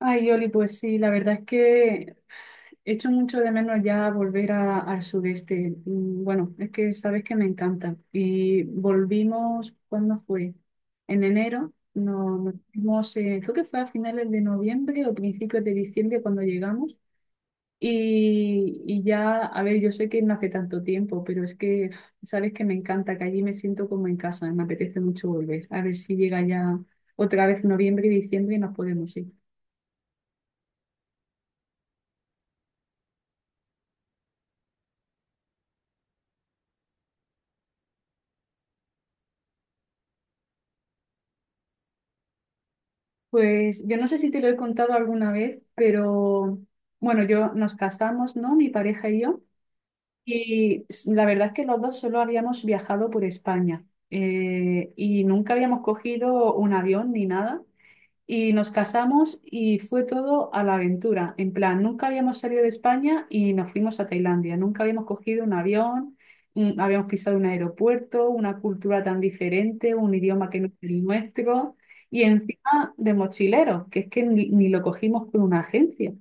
Ay, Oli, pues sí, la verdad es que echo mucho de menos ya volver al sudeste. Mm, bueno, es que sabes que me encanta. Y volvimos, ¿cuándo fue? En enero. No, nos fuimos, creo que fue a finales de noviembre o principios de diciembre cuando llegamos. Y ya, a ver, yo sé que no hace tanto tiempo, pero es que uf, sabes que me encanta, que allí me siento como en casa, me apetece mucho volver. A ver si llega ya otra vez noviembre y diciembre y nos podemos ir. Pues yo no sé si te lo he contado alguna vez, pero bueno, yo nos casamos, ¿no? Mi pareja y yo. Y la verdad es que los dos solo habíamos viajado por España y nunca habíamos cogido un avión ni nada. Y nos casamos y fue todo a la aventura. En plan, nunca habíamos salido de España y nos fuimos a Tailandia. Nunca habíamos cogido un avión, mm, habíamos pisado un aeropuerto, una cultura tan diferente, un idioma que no es el nuestro. Y encima de mochilero, que es que ni lo cogimos con una agencia.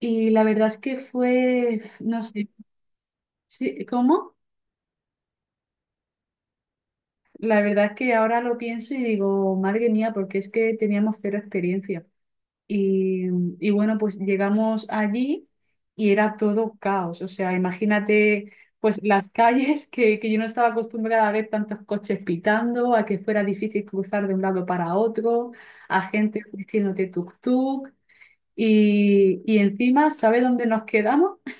Y la verdad es que fue, no sé, sí, ¿cómo? La verdad es que ahora lo pienso y digo, madre mía, porque es que teníamos cero experiencia. Y, y bueno, pues llegamos allí y era todo caos. O sea, imagínate pues las calles que yo no estaba acostumbrada a ver tantos coches pitando, a que fuera difícil cruzar de un lado para otro, a gente diciéndote tuk-tuk. Y encima, ¿sabe dónde nos quedamos?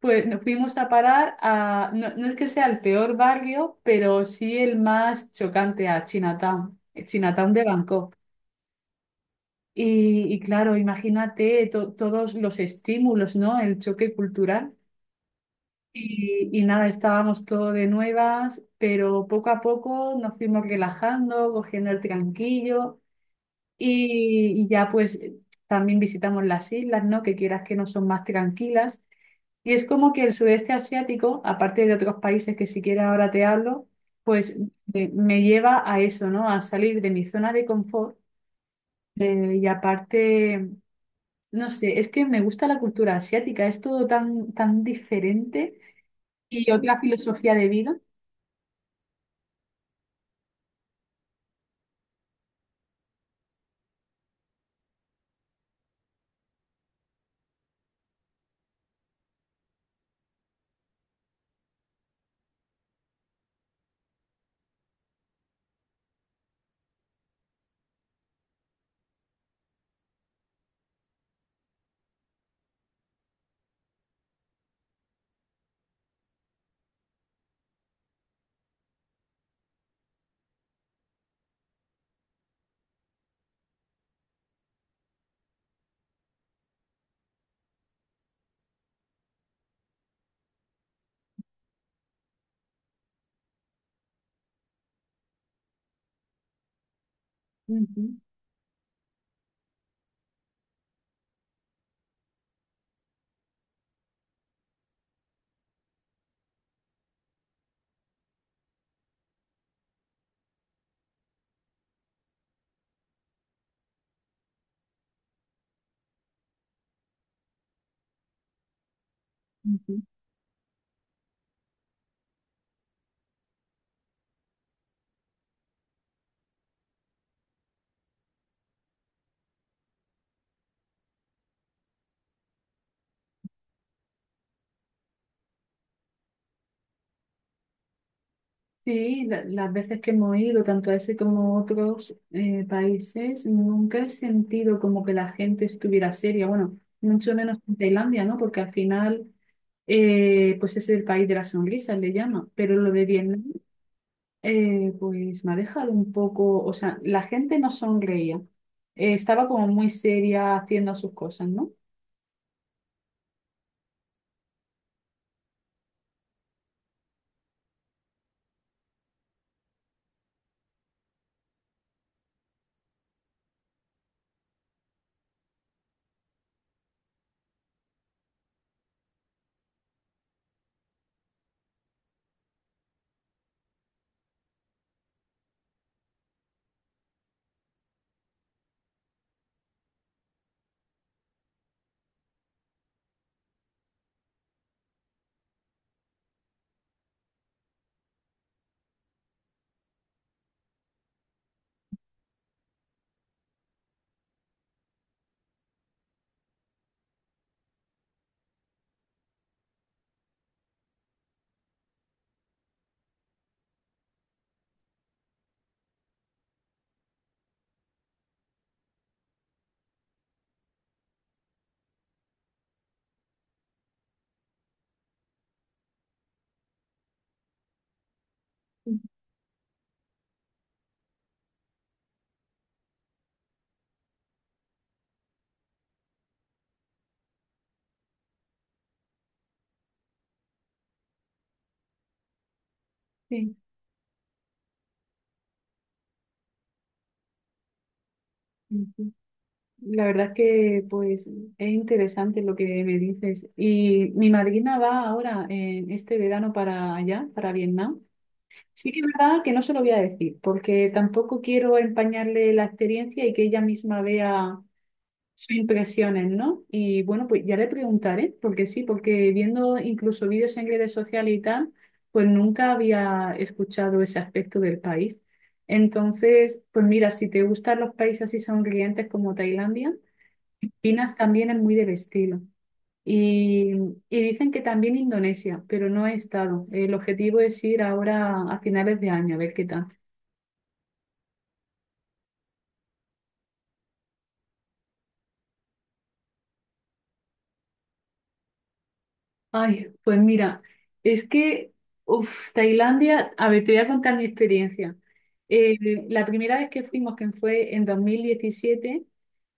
Pues nos fuimos a parar a, no, no es que sea el peor barrio, pero sí el más chocante a Chinatown, Chinatown de Bangkok. Y claro, imagínate todos los estímulos, ¿no? El choque cultural. Y nada, estábamos todo de nuevas, pero poco a poco nos fuimos relajando, cogiendo el tranquillo y ya pues también visitamos las islas, ¿no? Que quieras que no son más tranquilas. Y es como que el sudeste asiático, aparte de otros países que siquiera ahora te hablo, pues me lleva a eso, ¿no? A salir de mi zona de confort y aparte... No sé, es que me gusta la cultura asiática, es todo tan, tan diferente y otra filosofía de vida. Ujú, ujú. Sí, las veces que hemos ido, tanto a ese como a otros países, nunca he sentido como que la gente estuviera seria. Bueno, mucho menos en Tailandia, ¿no? Porque al final, pues es el país de las sonrisas, le llama. Pero lo de Vietnam, pues me ha dejado un poco, o sea, la gente no sonreía. Estaba como muy seria haciendo sus cosas, ¿no? Sí, ujú. La verdad que pues es interesante lo que me dices. Y mi madrina va ahora en este verano para allá, para Vietnam. Sí que es verdad que no se lo voy a decir, porque tampoco quiero empañarle la experiencia y que ella misma vea sus impresiones, ¿no? Y bueno, pues ya le preguntaré, porque sí, porque viendo incluso vídeos en redes sociales y tal, pues nunca había escuchado ese aspecto del país. Entonces, pues mira, si te gustan los países así sonrientes como Tailandia, Filipinas también es muy del estilo. Y, y dicen que también Indonesia, pero no he estado. El objetivo es ir ahora a finales de año, a ver qué tal. Ay, pues mira, es que, uf, Tailandia, a ver, te voy a contar mi experiencia. Eh, la primera vez que fuimos, que fue en 2017,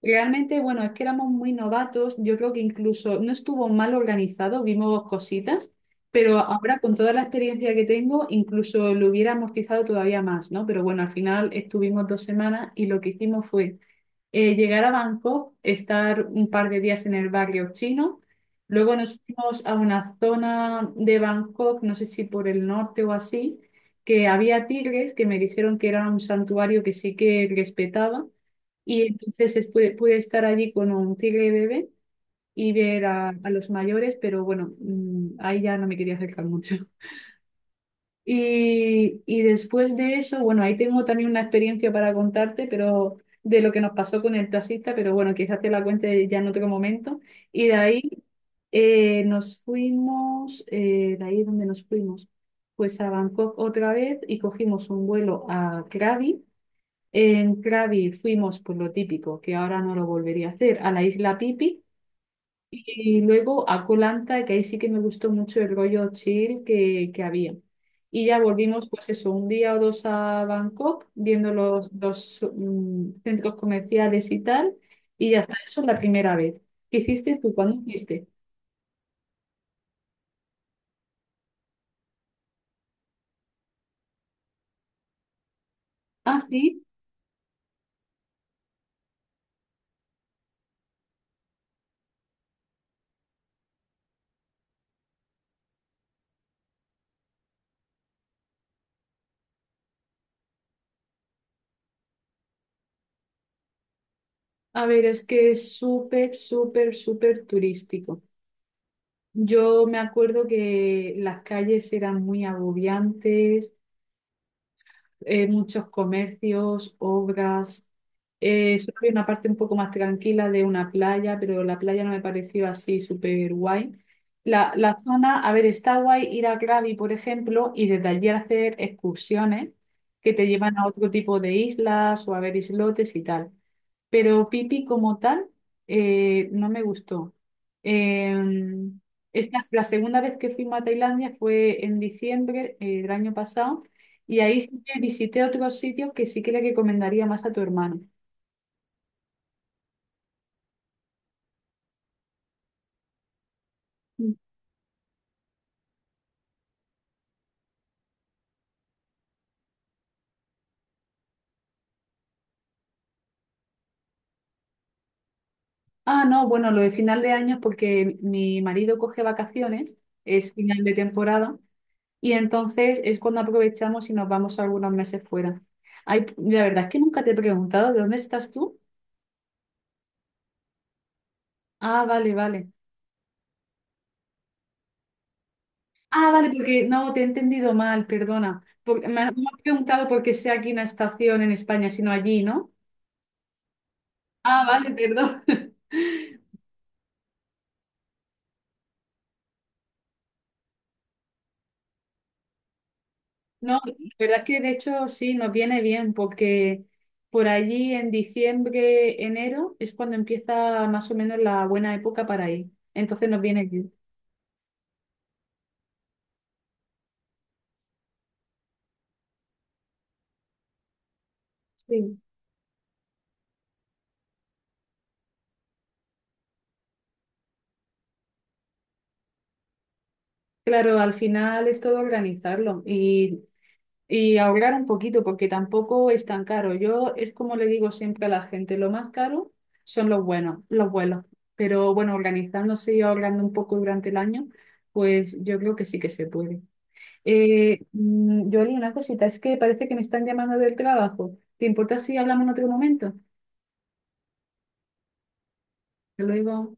realmente, bueno, es que éramos muy novatos, yo creo que incluso no estuvo mal organizado, vimos cositas, pero ahora con toda la experiencia que tengo, incluso lo hubiera amortizado todavía más, ¿no? Pero bueno, al final estuvimos dos semanas y lo que hicimos fue llegar a Bangkok, estar un par de días en el barrio chino. Luego nos fuimos a una zona de Bangkok, no sé si por el norte o así, que había tigres que me dijeron que era un santuario que sí que respetaba. Y entonces pude, pude estar allí con un tigre bebé y ver a los mayores, pero bueno, mm, ahí ya no me quería acercar mucho. Y después de eso, bueno, ahí tengo también una experiencia para contarte, pero de lo que nos pasó con el taxista, pero bueno, quizás te la cuente ya en otro momento. Y de ahí nos fuimos, de ahí donde nos fuimos, pues a Bangkok otra vez y cogimos un vuelo a Krabi. En Krabi fuimos, pues lo típico, que ahora no lo volvería a hacer, a la isla Pipi y luego a Koh Lanta, que ahí sí que me gustó mucho el rollo chill que había. Y ya volvimos, pues eso, un día o dos a Bangkok, viendo los mm, centros comerciales y tal. Y ya está, eso la primera vez. ¿Qué hiciste tú? ¿Cuándo fuiste? Ah, sí. A ver, es que es súper, súper, súper turístico. Yo me acuerdo que las calles eran muy agobiantes. Eh, muchos comercios, obras. Solo había una parte un poco más tranquila de una playa, pero la playa no me pareció así súper guay. La zona, a ver, está guay ir a Krabi, por ejemplo, y desde allí hacer excursiones que te llevan a otro tipo de islas o a ver islotes y tal, pero Pipi como tal no me gustó. Eh, esta, la segunda vez que fuimos a Tailandia fue en diciembre del año pasado y ahí sí que visité otros sitios que sí que le recomendaría más a tu hermano. Mm. Ah, no, bueno, lo de final de año es porque mi marido coge vacaciones, es final de temporada, y entonces es cuando aprovechamos y nos vamos algunos meses fuera. Ay, la verdad es que nunca te he preguntado, ¿de dónde estás tú? Ah, vale, vale. Ah, vale, porque no, te he entendido mal, perdona. Me, has, me has preguntado por qué sea aquí una estación en España, sino allí, ¿no? Ah, vale, perdón. No, la verdad es que de hecho sí, nos viene bien porque por allí en diciembre, enero es cuando empieza más o menos la buena época para ir. Entonces nos viene bien. Sí. Claro, al final es todo organizarlo y ahorrar un poquito, porque tampoco es tan caro. Yo es como le digo siempre a la gente, lo más caro son los buenos, los vuelos. Pero bueno, organizándose y ahorrando un poco durante el año, pues yo creo que sí que se puede. Yoli, una cosita, es que parece que me están llamando del trabajo. ¿Te importa si hablamos en otro momento? Hasta luego.